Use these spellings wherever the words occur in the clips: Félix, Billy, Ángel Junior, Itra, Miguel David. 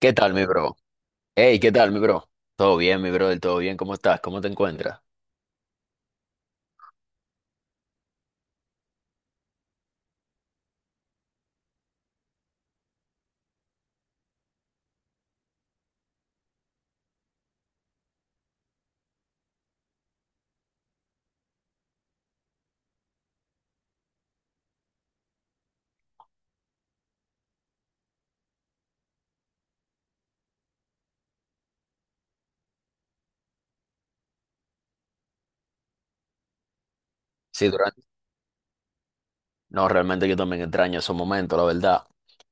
¿Qué tal, mi bro? Hey, ¿qué tal, mi bro? Todo bien, mi bro, del todo bien. ¿Cómo estás? ¿Cómo te encuentras? Sí, durante... No, realmente yo también extraño esos momentos, la verdad.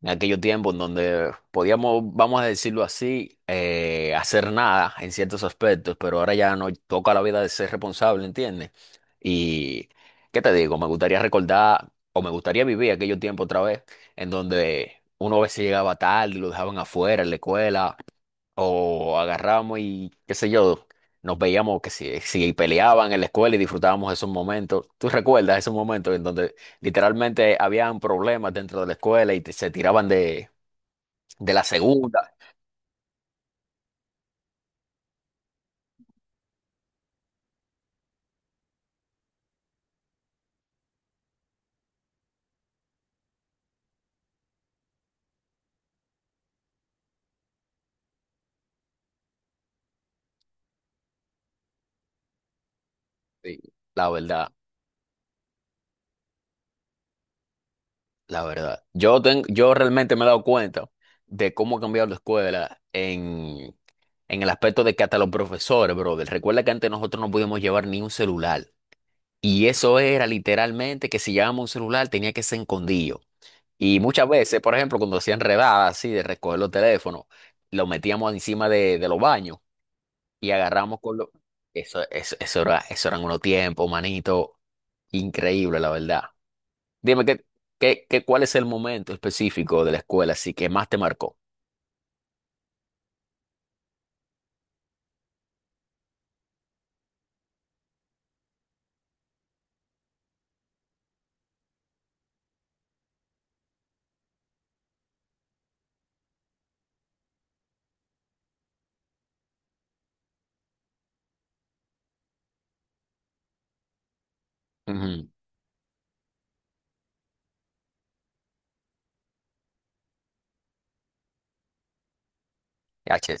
En aquellos tiempos en donde podíamos, vamos a decirlo así, hacer nada en ciertos aspectos, pero ahora ya nos toca la vida de ser responsable, ¿entiendes? Y, ¿qué te digo? Me gustaría recordar, o me gustaría vivir aquellos tiempos otra vez, en donde uno a veces llegaba tarde, lo dejaban afuera en la escuela. O agarrábamos y qué sé yo, nos veíamos que si peleaban en la escuela y disfrutábamos esos momentos. ¿Tú recuerdas esos momentos en donde literalmente habían problemas dentro de la escuela y se tiraban de la segunda? Sí, la verdad, la verdad. Yo, yo realmente me he dado cuenta de cómo ha cambiado la escuela en el aspecto de que hasta los profesores, brother, recuerda que antes nosotros no podíamos llevar ni un celular. Y eso era literalmente que si llevábamos un celular tenía que ser escondido. Y muchas veces, por ejemplo, cuando hacían redadas así de recoger los teléfonos, los metíamos encima de los baños y agarramos con los... Eso era, eso eran unos tiempos, manito, increíble, la verdad. Dime, ¿ cuál es el momento específico de la escuela así que más te marcó? Ujú. Yache,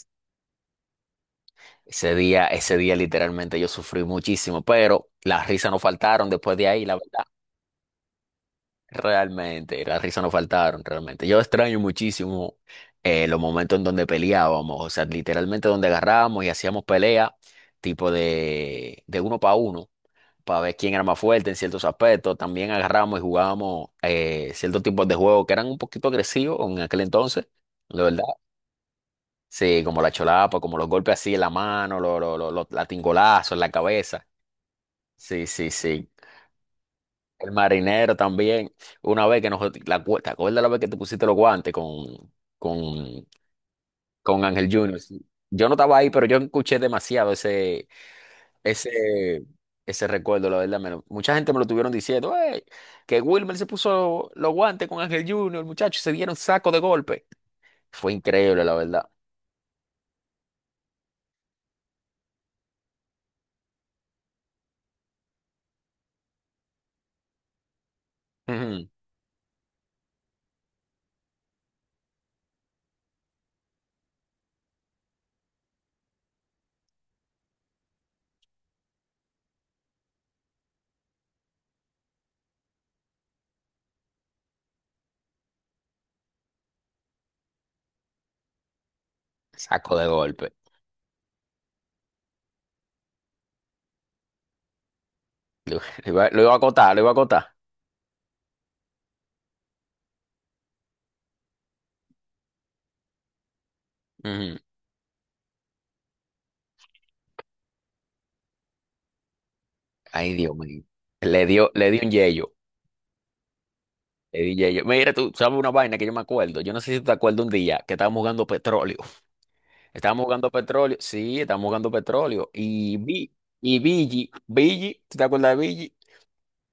ese día, ese día literalmente yo sufrí muchísimo, pero las risas no faltaron después de ahí, la verdad. Realmente, las risas no faltaron, realmente. Yo extraño muchísimo los momentos en donde peleábamos, o sea, literalmente donde agarrábamos y hacíamos pelea, tipo de uno para uno, para ver quién era más fuerte en ciertos aspectos. También agarrábamos y jugábamos ciertos tipos de juegos que eran un poquito agresivos en aquel entonces, la verdad. Sí, como la cholapa, como los golpes así en la mano, los latigazos en la cabeza. Sí, sí, sí. El marinero también. Una vez que nos... La, ¿te acuerdas la vez que te pusiste los guantes con, con Ángel Junior? Sí. Yo no estaba ahí, pero yo escuché demasiado ese, ese, ese recuerdo, la verdad. Mucha gente me lo estuvieron diciendo, "Ey, que Wilmer se puso los guantes con Ángel Junior, muchachos, y se dieron saco de golpe. Fue increíble, la verdad". Ujú. Saco de golpe. Lo iba a acotar, lo iba a acotar. Ujú. Ay, Dios mío. Le dio un yeyo. Le di ya. Mira, tú sabes una vaina que yo me acuerdo. Yo no sé si tú te acuerdas un día que estábamos jugando petróleo. Estábamos jugando petróleo. Sí, estábamos jugando petróleo. Y vi, y Billy, Billy, ¿tú te acuerdas de Billy?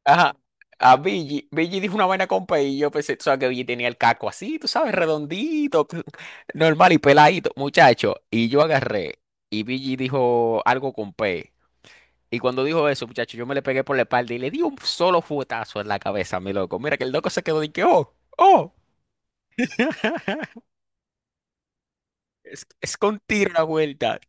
Ajá. A Billy, Billy dijo una vaina con P y yo pensé, tú sabes que Billy tenía el caco así, tú sabes, redondito, normal y peladito, muchacho. Y yo agarré y Billy dijo algo con P. Y cuando dijo eso, muchacho, yo me le pegué por la espalda y le di un solo fuetazo en la cabeza, mi loco. Mira que el loco se quedó de que, oh. ¡Oh! Es con tiro la vuelta.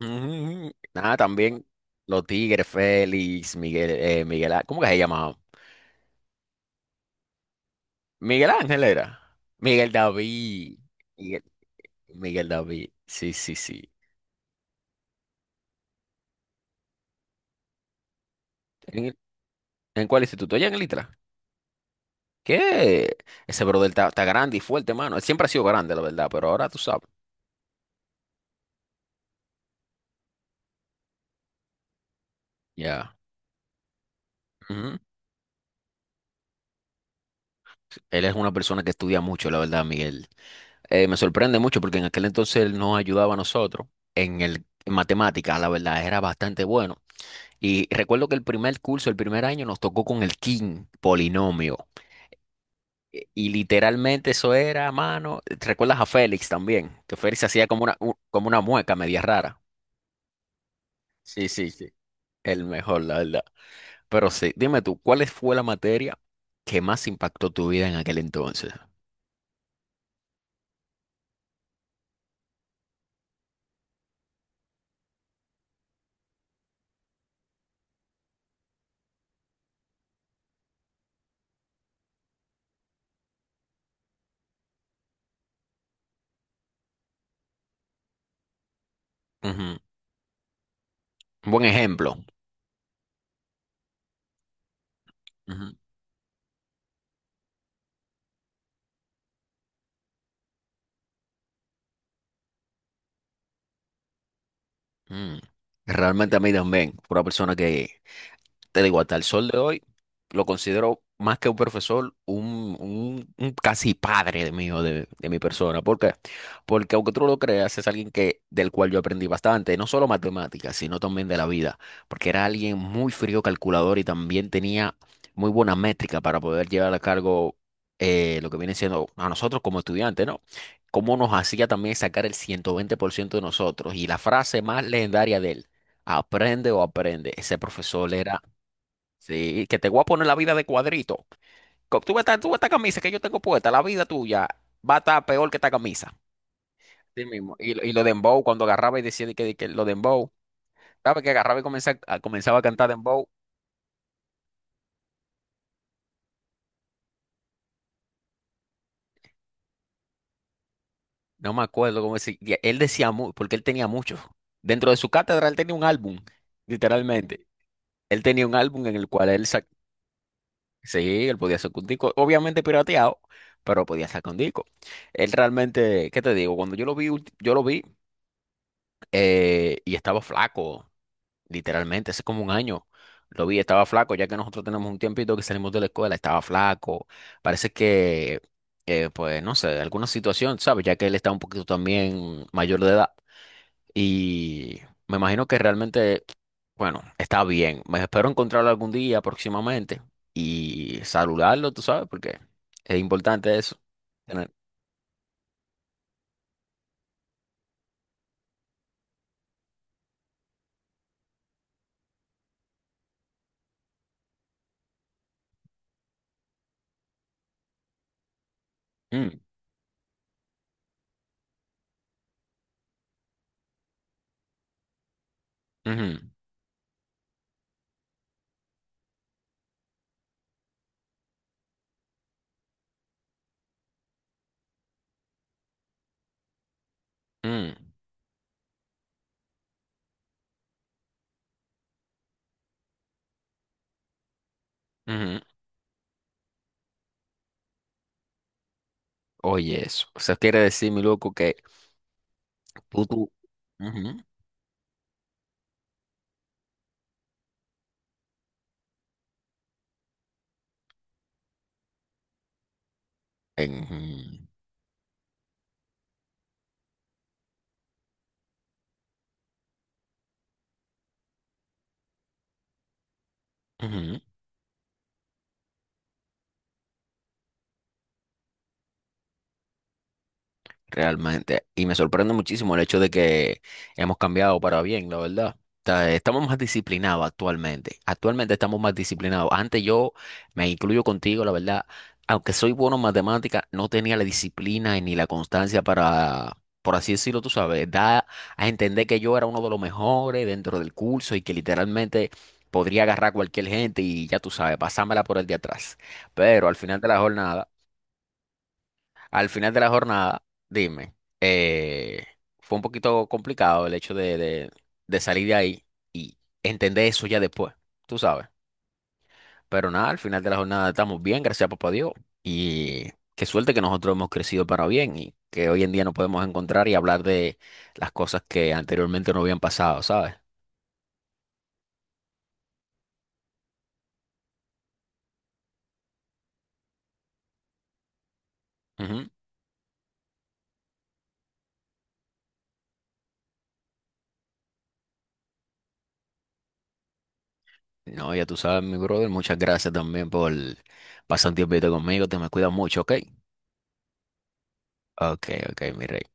Mm, nada, también los Tigres, Félix, Miguel, Miguel, ¿cómo que se llamaba? Miguel Ángel era. Miguel David. Miguel, Miguel David. Sí, sí, sí. ¿En, en cuál instituto? Allá en el Itra. ¿Qué? Ese brother está, está grande y fuerte, mano. Él siempre ha sido grande, la verdad, pero ahora tú sabes. Ya. Él es una persona que estudia mucho, la verdad, Miguel. Me sorprende mucho porque en aquel entonces él nos ayudaba a nosotros en el en matemáticas, la verdad, era bastante bueno. Y recuerdo que el primer curso, el primer año, nos tocó con el king polinomio. Y literalmente eso era, mano. ¿Te ¿Recuerdas a Félix también? Que Félix hacía como una, como una mueca media rara. Sí, sí, sí. El mejor, la verdad. Pero sí, dime tú, ¿cuál fue la materia que más impactó tu vida en aquel entonces? Ujú. Un buen ejemplo. Mm. Realmente a mí también, fue una persona que, te digo, hasta el sol de hoy lo considero más que un profesor, un, un casi padre de mío, de mi persona. ¿Por qué? Porque aunque tú no lo creas, es alguien que, del cual yo aprendí bastante, no solo matemáticas, sino también de la vida, porque era alguien muy frío calculador y también tenía muy buena métrica para poder llevar a cargo lo que viene siendo a nosotros como estudiantes, ¿no? Cómo nos hacía también sacar el 120% de nosotros. Y la frase más legendaria de él, aprende o aprende, ese profesor era. Sí, que te voy a poner la vida de cuadrito. Tú ves esta camisa que yo tengo puesta, la vida tuya va a estar peor que esta camisa. Sí mismo. Y, y lo de Dembow, cuando agarraba y decía de que lo de Dembow, ¿sabes? Que agarraba y comenzaba, a, comenzaba a cantar Dembow. No me acuerdo cómo decía. Él decía, porque él tenía muchos. Dentro de su cátedra, él tenía un álbum, literalmente. Él tenía un álbum en el cual él, sí, él podía sacar un disco, obviamente pirateado, pero podía sacar un disco. Él realmente, ¿qué te digo? Cuando yo lo vi, yo lo vi. Y estaba flaco, literalmente, hace como un año. Lo vi, estaba flaco, ya que nosotros tenemos un tiempito que salimos de la escuela, estaba flaco. Parece que, pues, no sé, alguna situación, ¿sabes? Ya que él está un poquito también mayor de edad. Y me imagino que realmente, bueno, está bien. Me espero encontrarlo algún día próximamente y saludarlo, tú sabes, porque es importante eso. Tener- Mm, ujú, mm, ujú. Oye, eso. O sea, quiere decir, mi loco, que tú, tú. Ujú, en- ujú, ujú. Realmente. Y me sorprende muchísimo el hecho de que hemos cambiado para bien, la verdad. O estamos más disciplinados actualmente. Actualmente estamos más disciplinados. Antes yo me incluyo contigo, la verdad. Aunque soy bueno en matemática, no tenía la disciplina y ni la constancia para, por así decirlo, tú sabes, da a entender que yo era uno de los mejores dentro del curso y que literalmente podría agarrar a cualquier gente y ya tú sabes, pasármela por el de atrás. Pero al final de la jornada al final de la jornada, dime, eh, fue un poquito complicado el hecho de, de salir de ahí y entender eso ya después, tú sabes. Pero nada, al final de la jornada estamos bien, gracias a papá Dios. Y qué suerte que nosotros hemos crecido para bien y que hoy en día nos podemos encontrar y hablar de las cosas que anteriormente no habían pasado, ¿sabes? Ujú. No, ya tú sabes, mi brother, muchas gracias también por pasar un tiempito conmigo, te me cuidas mucho, ¿ok? Ok, ok, mi rey.